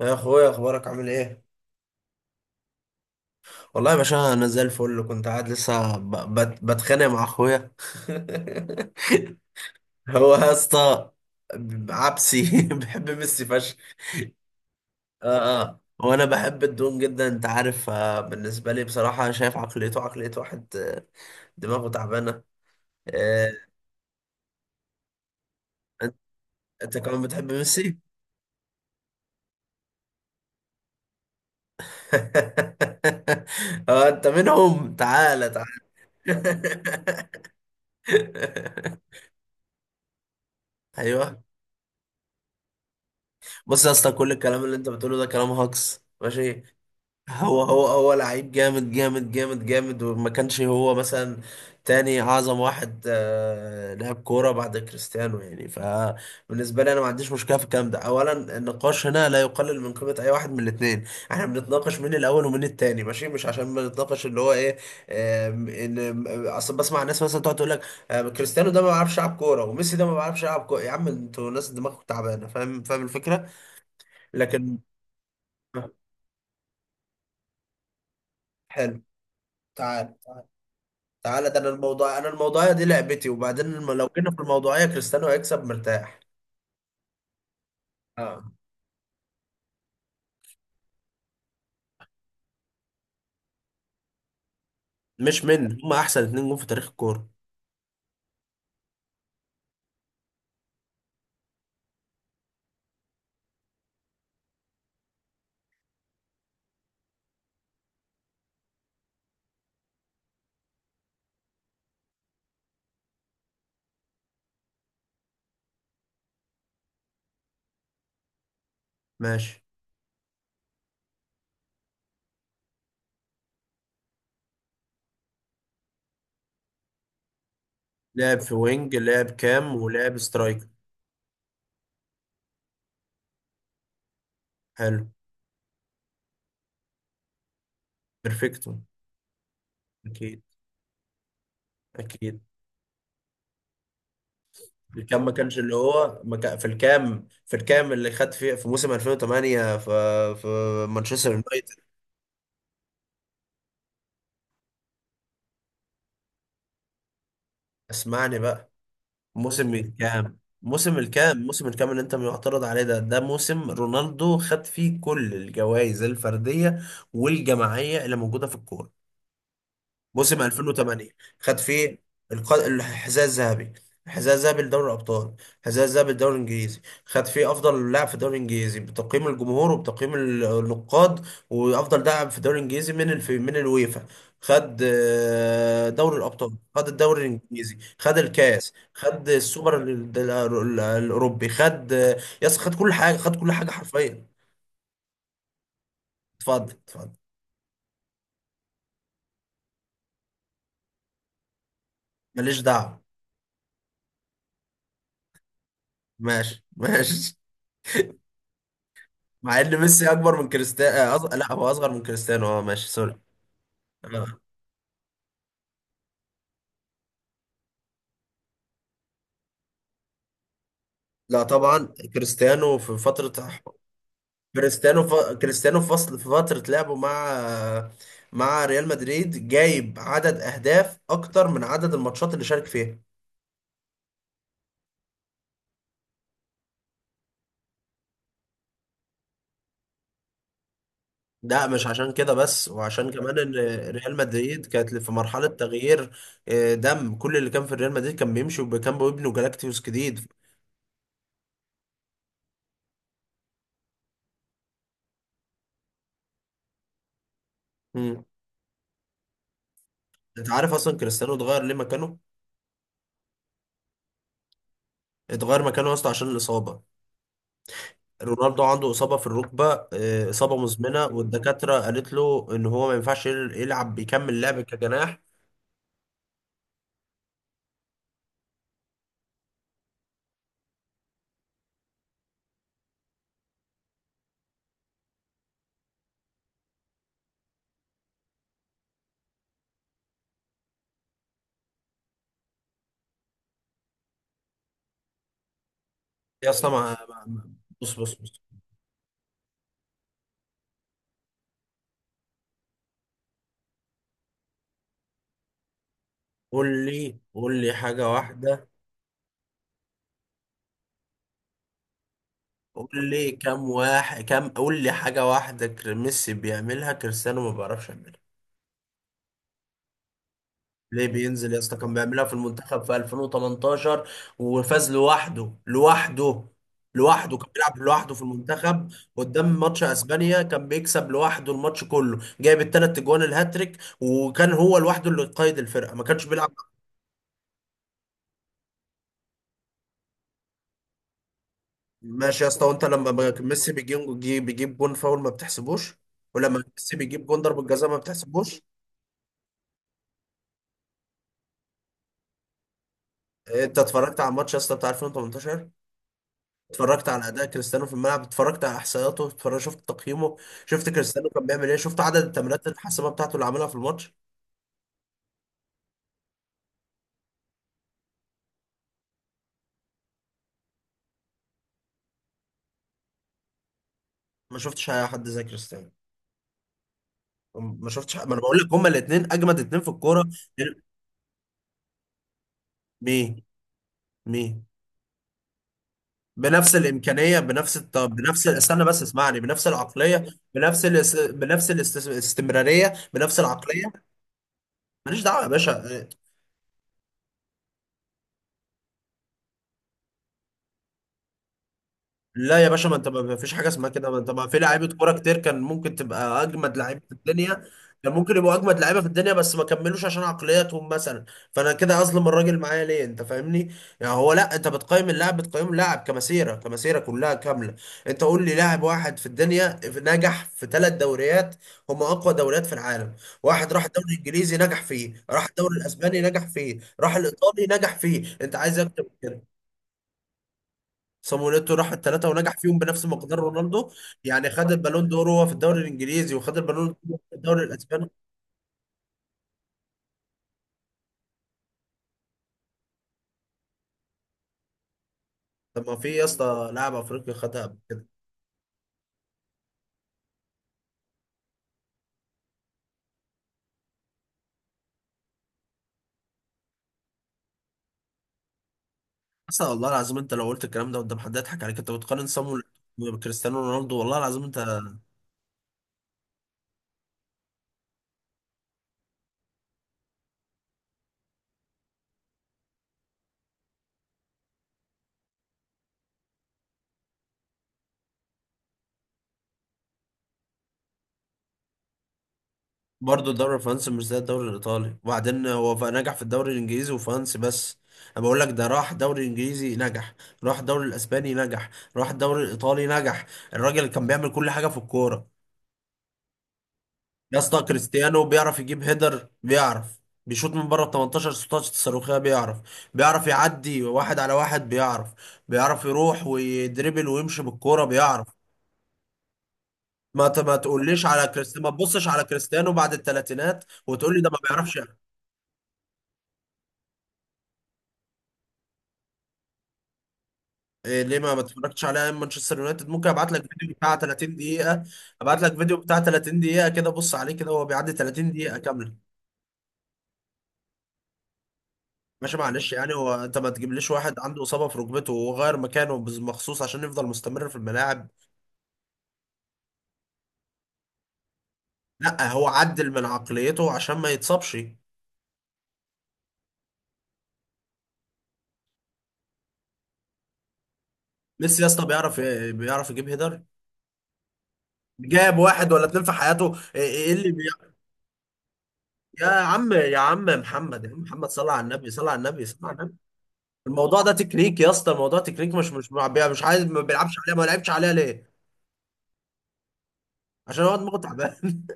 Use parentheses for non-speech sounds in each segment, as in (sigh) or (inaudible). يا اخويا، اخبارك عامل ايه؟ والله يا باشا انا زي الفل، كنت قاعد لسه بتخانق مع اخويا (laughs) هو يا اسطى عبسي (laughs) بحب ميسي فشخ. اه وانا بحب الدون جدا، انت عارف آه، بالنسبه لي بصراحه أنا شايف عقليته عقليه واحد آه، دماغه تعبانه آه، انت أنت كمان بتحب ميسي. (laughs) اه انت منهم، تعالى تعالى. (laughs) ايوه، بص يا اسطى كل الكلام اللي انت بتقوله ده كلام هجص، ماشي. هو لعيب جامد جامد جامد جامد، وما كانش هو مثلا تاني اعظم واحد آه، لعب كوره بعد كريستيانو يعني. فبالنسبه لي انا ما عنديش مشكله في الكلام ده. اولا النقاش هنا لا يقلل من قيمه اي واحد من الاثنين. احنا بنتناقش مين الاول ومين التاني، ماشي، مش عشان بنتناقش اللي هو ايه آه، ان اصل بسمع الناس مثلا تقعد تقول لك آه، كريستيانو ده ما بيعرفش يلعب كوره وميسي ده ما بيعرفش يلعب كوره. يا عم انتوا ناس دماغكم تعبانه. فاهم الفكره. لكن حلو، تعال تعال، ده انا الموضوع، انا الموضوعيه دي لعبتي. وبعدين لو جينا في الموضوعيه كريستيانو هيكسب مرتاح. اه، مش من هم احسن اتنين جون في تاريخ الكوره؟ ماشي. لعب في وينج، لعب كام، ولعب سترايكر. حلو. بيرفكتو. اكيد اكيد. الكام ما كانش اللي هو، ما كان في الكام، اللي خد فيه في موسم 2008 في مانشستر يونايتد. اسمعني بقى. موسم الكام اللي انت معترض عليه ده، ده موسم رونالدو خد فيه كل الجوائز الفردية والجماعية اللي موجودة في الكورة. موسم 2008 خد فيه الحذاء الذهبي، الحذاء الذهبي لدوري الابطال، الحذاء الذهبي للدوري الانجليزي. خد فيه افضل لاعب في الدوري الانجليزي بتقييم الجمهور وبتقييم النقاد، وافضل لاعب في الدوري الانجليزي من من الويفا. خد آه، دوري الابطال، خد الدوري الانجليزي، خد الكاس، خد السوبر الاوروبي، خد آه، يس، خد كل حاجه، خد كل حاجه حرفيا. اتفضل اتفضل. ماليش دعوه. ماشي ماشي. مع ان ميسي اكبر من كريستيانو، لا هو اصغر من كريستيانو، اه ماشي سوري. آه. لا طبعا. كريستيانو في فترة، كريستيانو ف... كريستيانو في فصل، في فترة لعبه مع مع ريال مدريد، جايب عدد اهداف اكتر من عدد الماتشات اللي شارك فيها. ده مش عشان كده بس، وعشان كمان ان ريال مدريد كانت في مرحلة تغيير آه، دم كل اللي كان في ريال مدريد كان بيمشي، وكان بيبنوا جالاكتيوس جديد. مم. انت عارف اصلا كريستيانو اتغير ليه مكانه؟ اتغير مكانه يا اسطى عشان الاصابة. رونالدو عنده إصابة في الركبة آه، إصابة مزمنة، والدكاترة قالت له إن هو ما ينفعش يلعب، يكمل لعب كجناح. يا أصلا بص بص بص. قول لي حاجة واحدة. قول لي كم واحد، قول لي حاجة واحدة ميسي بيعملها كريستيانو ما بيعرفش يعملها. ليه بينزل يا اسطى؟ كان بيعملها في المنتخب في 2018، وفاز لوحده. لوحده لوحده كان بيلعب لوحده في المنتخب. قدام ماتش اسبانيا كان بيكسب لوحده، الماتش كله جايب الثلاث اجوان الهاتريك، وكان هو لوحده اللي قائد الفرقه، ما كانش بيلعب. ماشي يا اسطى، وانت لما ميسي بيجيب جون فاول ما بتحسبوش؟ ولما ميسي بيجيب جون ضربه جزاء ما بتحسبوش؟ انت اتفرجت على الماتش يا اسطى بتاع 2018؟ اتفرجت على اداء كريستيانو في الملعب؟ اتفرجت على احصائياته؟ اتفرجت، شفت تقييمه؟ شفت كريستيانو كان بيعمل ايه؟ شفت عدد التمريرات الحاسمه بتاعته اللي عملها في الماتش؟ ما شفتش حد زي كريستيانو. ما شفتش حد. ما انا بقول لك هما الاثنين اجمد اثنين في الكوره. مين؟ مين؟ بنفس الامكانيه، بنفس استنى بس اسمعني. بنفس العقليه، بنفس الاس... بنفس الاست... الاستمراريه، بنفس العقليه. ماليش دعوه يا باشا. لا يا باشا، ما انت ما فيش حاجه اسمها كده. ما انت ما في لعيبه كوره كتير كان ممكن تبقى اجمد لعيبه في الدنيا، كان ممكن يبقوا اجمد لعيبه في الدنيا، بس ما كملوش عشان عقلياتهم مثلا. فانا كده اظلم الراجل معايا ليه؟ انت فاهمني؟ يعني هو، لا انت بتقيم اللاعب، بتقيم اللاعب كمسيره، كمسيره كلها كامله. انت قول لي لاعب واحد في الدنيا نجح في ثلاث دوريات، هم اقوى دوريات في العالم. واحد راح الدوري الانجليزي نجح فيه، راح الدوري الاسباني نجح فيه، راح الايطالي نجح فيه. انت عايز اكتر من كده؟ صاموليتو راح الثلاثه ونجح فيهم بنفس مقدار رونالدو؟ يعني خد البالون دور هو في الدوري الانجليزي وخد البالون دور في الدوري الاسباني؟ طب ما في يا اسطى لاعب افريقي خدها قبل كده؟ اصلا والله العظيم انت لو قلت الكلام ده قدام حد هيضحك عليك. انت بتقارن صاموليتو بكريستيانو رونالدو؟ والله العظيم انت. برضه الدوري الفرنسي مش زي الدوري الايطالي. وبعدين هو نجح في الدوري الانجليزي وفرنسي بس. انا بقول لك ده راح دوري انجليزي نجح، راح الدوري الاسباني نجح، راح الدوري الايطالي نجح. الراجل كان بيعمل كل حاجه في الكوره. يا اسطى كريستيانو بيعرف يجيب هيدر بيعرف، بيشوط من بره ال 18 16 صاروخيه بيعرف، بيعرف يعدي واحد على واحد بيعرف، بيعرف يروح ويدربل ويمشي بالكوره بيعرف. ما تقوليش على كريستيانو، ما تبصش على كريستيانو بعد الثلاثينات وتقول لي ده ما بيعرفش يعني. إيه ليه ما اتفرجتش على أيام مانشستر يونايتد؟ ممكن ابعت لك فيديو بتاع 30 دقيقه، ابعت لك فيديو بتاع 30 دقيقه كده، بص عليه كده، هو بيعدي 30 دقيقه كامله. ماشي معلش يعني. هو انت ما تجيبليش واحد عنده اصابه في ركبته وغير مكانه مخصوص عشان يفضل مستمر في الملاعب. لا هو عدل من عقليته عشان ما يتصابش. ميسي يا اسطى بيعرف، بيعرف يجيب هيدر؟ جاب واحد ولا اتنين في حياته. ايه إيه إيه يا عم يا عم محمد، يا عم محمد صلى على النبي، صلى على النبي، صلى على النبي. الموضوع ده تكنيك يا اسطى، الموضوع تكنيك. مش عايز، ما بيلعبش عليها، ما لعبش عليها ليه؟ عشان هو دماغه تعبان.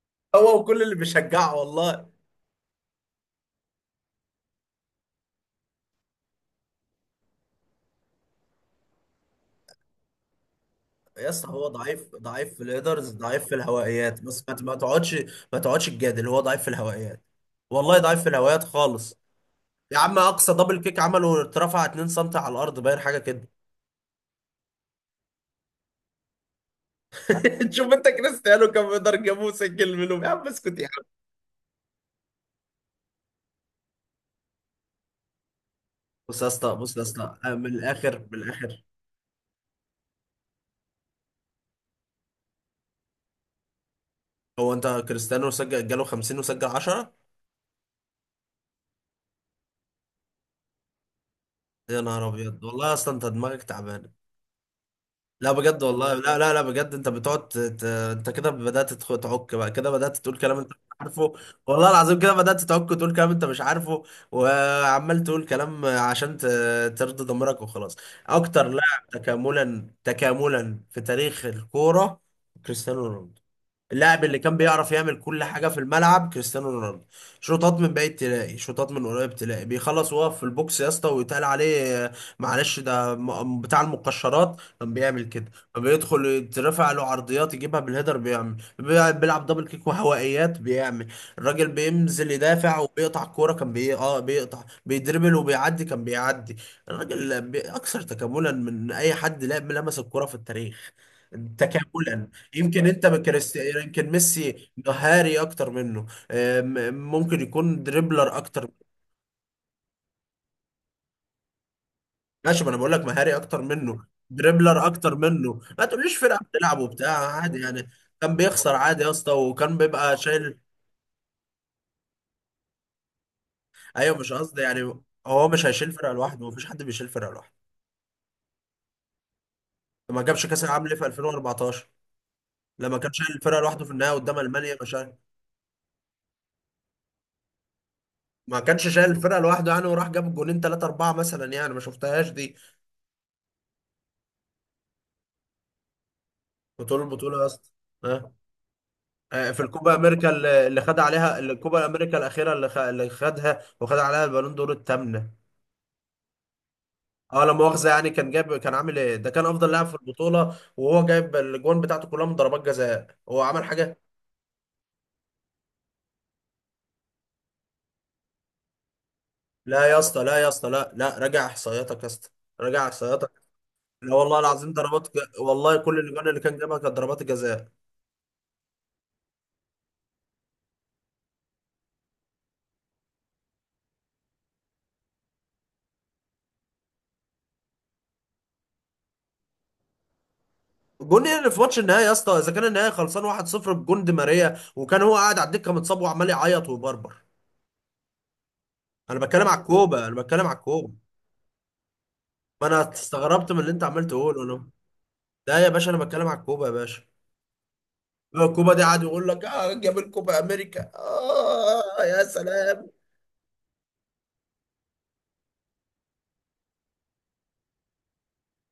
(laughs) هو وكل اللي بيشجعه والله. يا اسطى هو ضعيف، ضعيف في الهيدرز، ضعيف في الهوائيات، بس ما تقعدش، ما تقعدش تجادل، هو ضعيف في الهوائيات. والله ضعيف في الهوايات خالص. يا عم اقصى دبل كيك عمله اترفع 2 سم على الارض، باين حاجه كده. (laughs) شوف انت كريستيانو كم يقدر جابوه سجل منهم. يا عم اسكت يا عم. بص يا اسطى، بص يا اسطى أه، من الاخر، من الاخر، هو انت كريستيانو سجل جاله 50 وسجل 10؟ يا نهار ابيض، والله اصلا انت دماغك تعبانه. لا بجد والله، لا لا لا بجد، انت بتقعد انت كده بدأت تعك بقى، كده بدأت تقول كلام انت مش عارفه. والله العظيم كده بدأت تعك وتقول كلام انت مش عارفه، وعمال تقول كلام عشان ترضي ضميرك وخلاص. اكتر لاعب تكاملا، تكاملا في تاريخ الكورة، كريستيانو رونالدو. اللاعب اللي كان بيعرف يعمل كل حاجة في الملعب، كريستيانو رونالدو. شوطات من بعيد تلاقي، شوطات من قريب تلاقي، بيخلص وهو في البوكس يا اسطى ويتقال عليه آه، معلش ده بتاع المقشرات، كان بيعمل كده. بيدخل يترفع له عرضيات يجيبها بالهيدر بيعمل، بيلعب دبل كيك وهوائيات بيعمل، الراجل بينزل يدافع وبيقطع الكورة، كان بي... اه بيقطع، بيدربل وبيعدي كان بيعدي. الراجل أكثر تكاملا من أي حد لعب لمس الكورة في التاريخ، تكاملا. يمكن انت بكريستيانو، يمكن ميسي مهاري اكتر منه آم، ممكن يكون دريبلر اكتر. ماشي، ما انا بقول لك مهاري اكتر منه، دريبلر اكتر منه. ما تقوليش فرقه بتلعب وبتاع عادي يعني. كان بيخسر عادي يا اسطى، وكان بيبقى شايل. ايوه مش قصدي يعني، هو مش هيشيل فرقه لوحده، مفيش حد بيشيل فرقه لوحده. ما جابش كاس العالم ليه في 2014 لما كان شايل الفرقه لوحده، في النهائي قدام المانيا ما شايل؟ ما كانش شايل الفرقه لوحده يعني، وراح جاب جونين ثلاثه اربعه مثلا يعني، ما شفتهاش دي. بطول البطوله يا اسطى. آه، في الكوبا امريكا اللي خد عليها، اللي الكوبا امريكا الاخيره اللي خدها وخد عليها البالون دور الثامنه. اه لا مؤاخذه يعني، كان جاب، كان عامل ايه؟ ده كان افضل لاعب في البطوله، وهو جايب الاجوان بتاعته كلها من ضربات جزاء. هو عمل حاجه؟ لا يا اسطى، لا يا اسطى، لا لا، راجع احصائياتك يا اسطى، راجع احصائياتك. لا والله العظيم والله كل الاجوان اللي كان جابها كانت ضربات الجزاء. جون ايه اللي في ماتش النهائي يا اسطى اذا كان النهائي خلصان 1-0 بجون دي ماريا، وكان هو قاعد على الدكه متصاب وعمال يعيط ويبربر؟ انا بتكلم على الكوبا، انا بتكلم على الكوبا. ما انا استغربت من اللي انت عمال تقوله له. ده يا باشا انا بتكلم على الكوبا يا باشا. هو الكوبا دي قاعد يقول لك اه جاب الكوبا امريكا، اه يا سلام.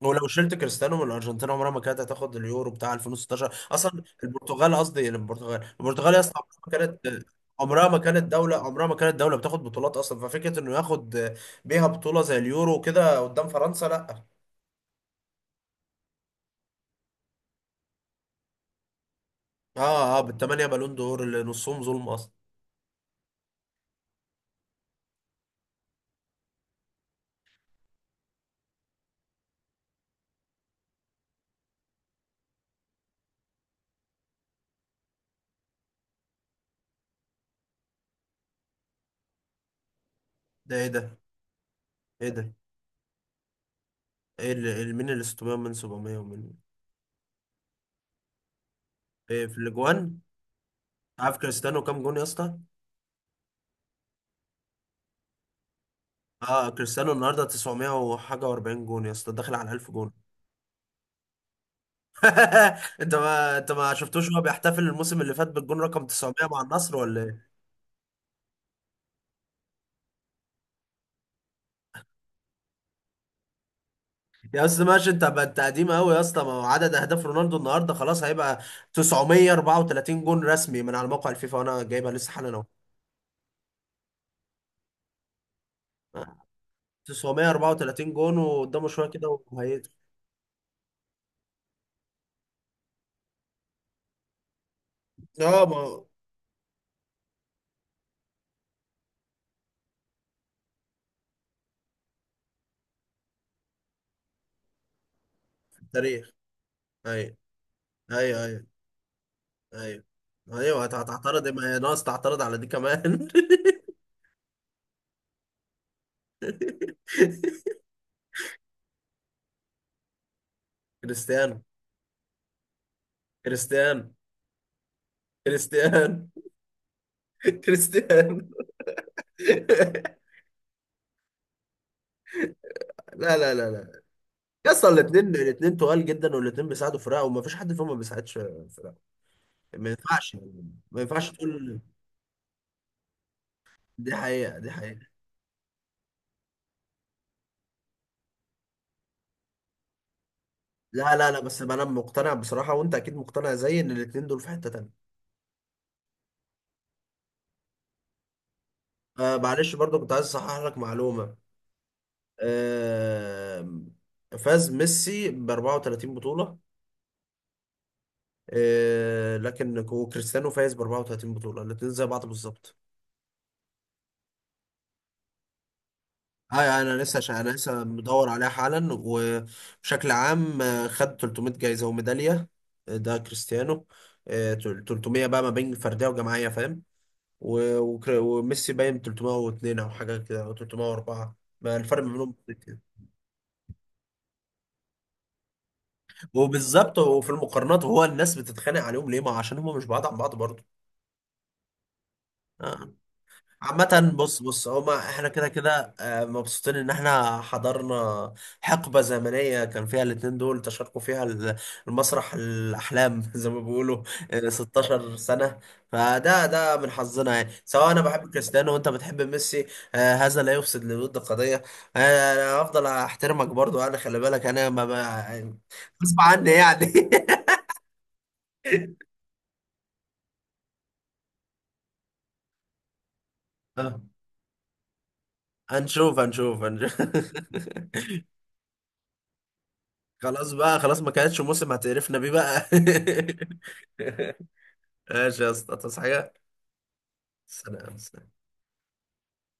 ولو شلت كريستيانو من الارجنتين عمرها ما كانت هتاخد اليورو بتاع 2016. اصلا البرتغال قصدي يعني، البرتغال، البرتغال يا اسطى عمرها ما كانت، عمرها ما كانت دولة، عمرها ما كانت دولة بتاخد بطولات اصلا. ففكرة انه ياخد بيها بطولة زي اليورو كده قدام فرنسا، لا. اه بالثمانية بالون دور اللي نصهم ظلم اصلا. ده ايه ده؟ ايه ده؟ ايه اللي، مين اللي 600 من 700 ومن؟ إيه في الاجوان؟ عارف كريستيانو كام جون يا اسطى؟ اه كريستيانو النهارده 900 وحاجه و40 جون يا اسطى، داخل على 1000 جون. (laughs) انت، ما انت ما شفتوش هو بيحتفل الموسم اللي فات بالجون رقم 900 مع النصر ولا ايه؟ يا اسطى ماشي، انت بقت قديم قوي يا اسطى، ما هو عدد اهداف رونالدو النهارده خلاص هيبقى 934 جون رسمي من على موقع الفيفا، وانا جايبها لسه حالا اهو. 934 جون، وقدامه شويه كده وهيدخل. اه ما هو التاريخ. ايوه، ايوه ايوه ايوه، ايوه هتعترض إيه؟ ما هي ناقص تعترض على دي كمان. (laughs) كريستيانو. كريستيانو. كريستيانو. (laughs) كريستيانو. (laughs) لا لا لا لا. يا اسطى الاثنين، الاثنين تقال جدا، والاثنين بيساعدوا فرقه وما فيش حد فيهم ما بيساعدش فرقه. ما ينفعش، ما ينفعش تقول. دي حقيقه، دي حقيقه. لا لا لا، بس انا مقتنع بصراحه، وانت اكيد مقتنع زيي ان الاثنين دول في حته تانيه. آه معلش، برضو كنت عايز اصحح لك معلومه. آه، فاز ميسي ب 34 بطوله آه، لكن، وكريستيانو فايز ب 34 بطولة، الاتنين زي بعض بالظبط. اه يعني انا لسه، عشان انا لسه مدور عليها حالا. وبشكل عام آه، خد 300 جايزة وميدالية آه، ده كريستيانو آه، 300 بقى ما بين فردية وجماعية، فاهم؟ وميسي باين 302 او حاجة كده او 304. ما الفرق ما بينهم بسيط يعني. وبالظبط، وفي المقارنات هو الناس بتتخانق عليهم ليه؟ ما عشان هم مش بعاد عن بعض برضه. آه. عامة بص بص، هما احنا كده كده آه، مبسوطين ان احنا حضرنا حقبة زمنية كان فيها الاتنين دول تشاركوا فيها المسرح الأحلام (laughs) زي ما بيقولوا آه، 16 سنة. فده، ده من حظنا يعني، سواء انا بحب كريستيانو وانت بتحب ميسي آه، هذا لا يفسد للود قضية. آه، انا هفضل احترمك برضو، انا خلي بالك انا غصب عني يعني. (laughs) آه، هنشوف هنشوف هنشوف. (laughs) خلاص بقى خلاص، ما كانتش موسم هتقرفنا بيه بقى. (laughs) ماشي يا اسطى، تصحى حاجة؟ سلام.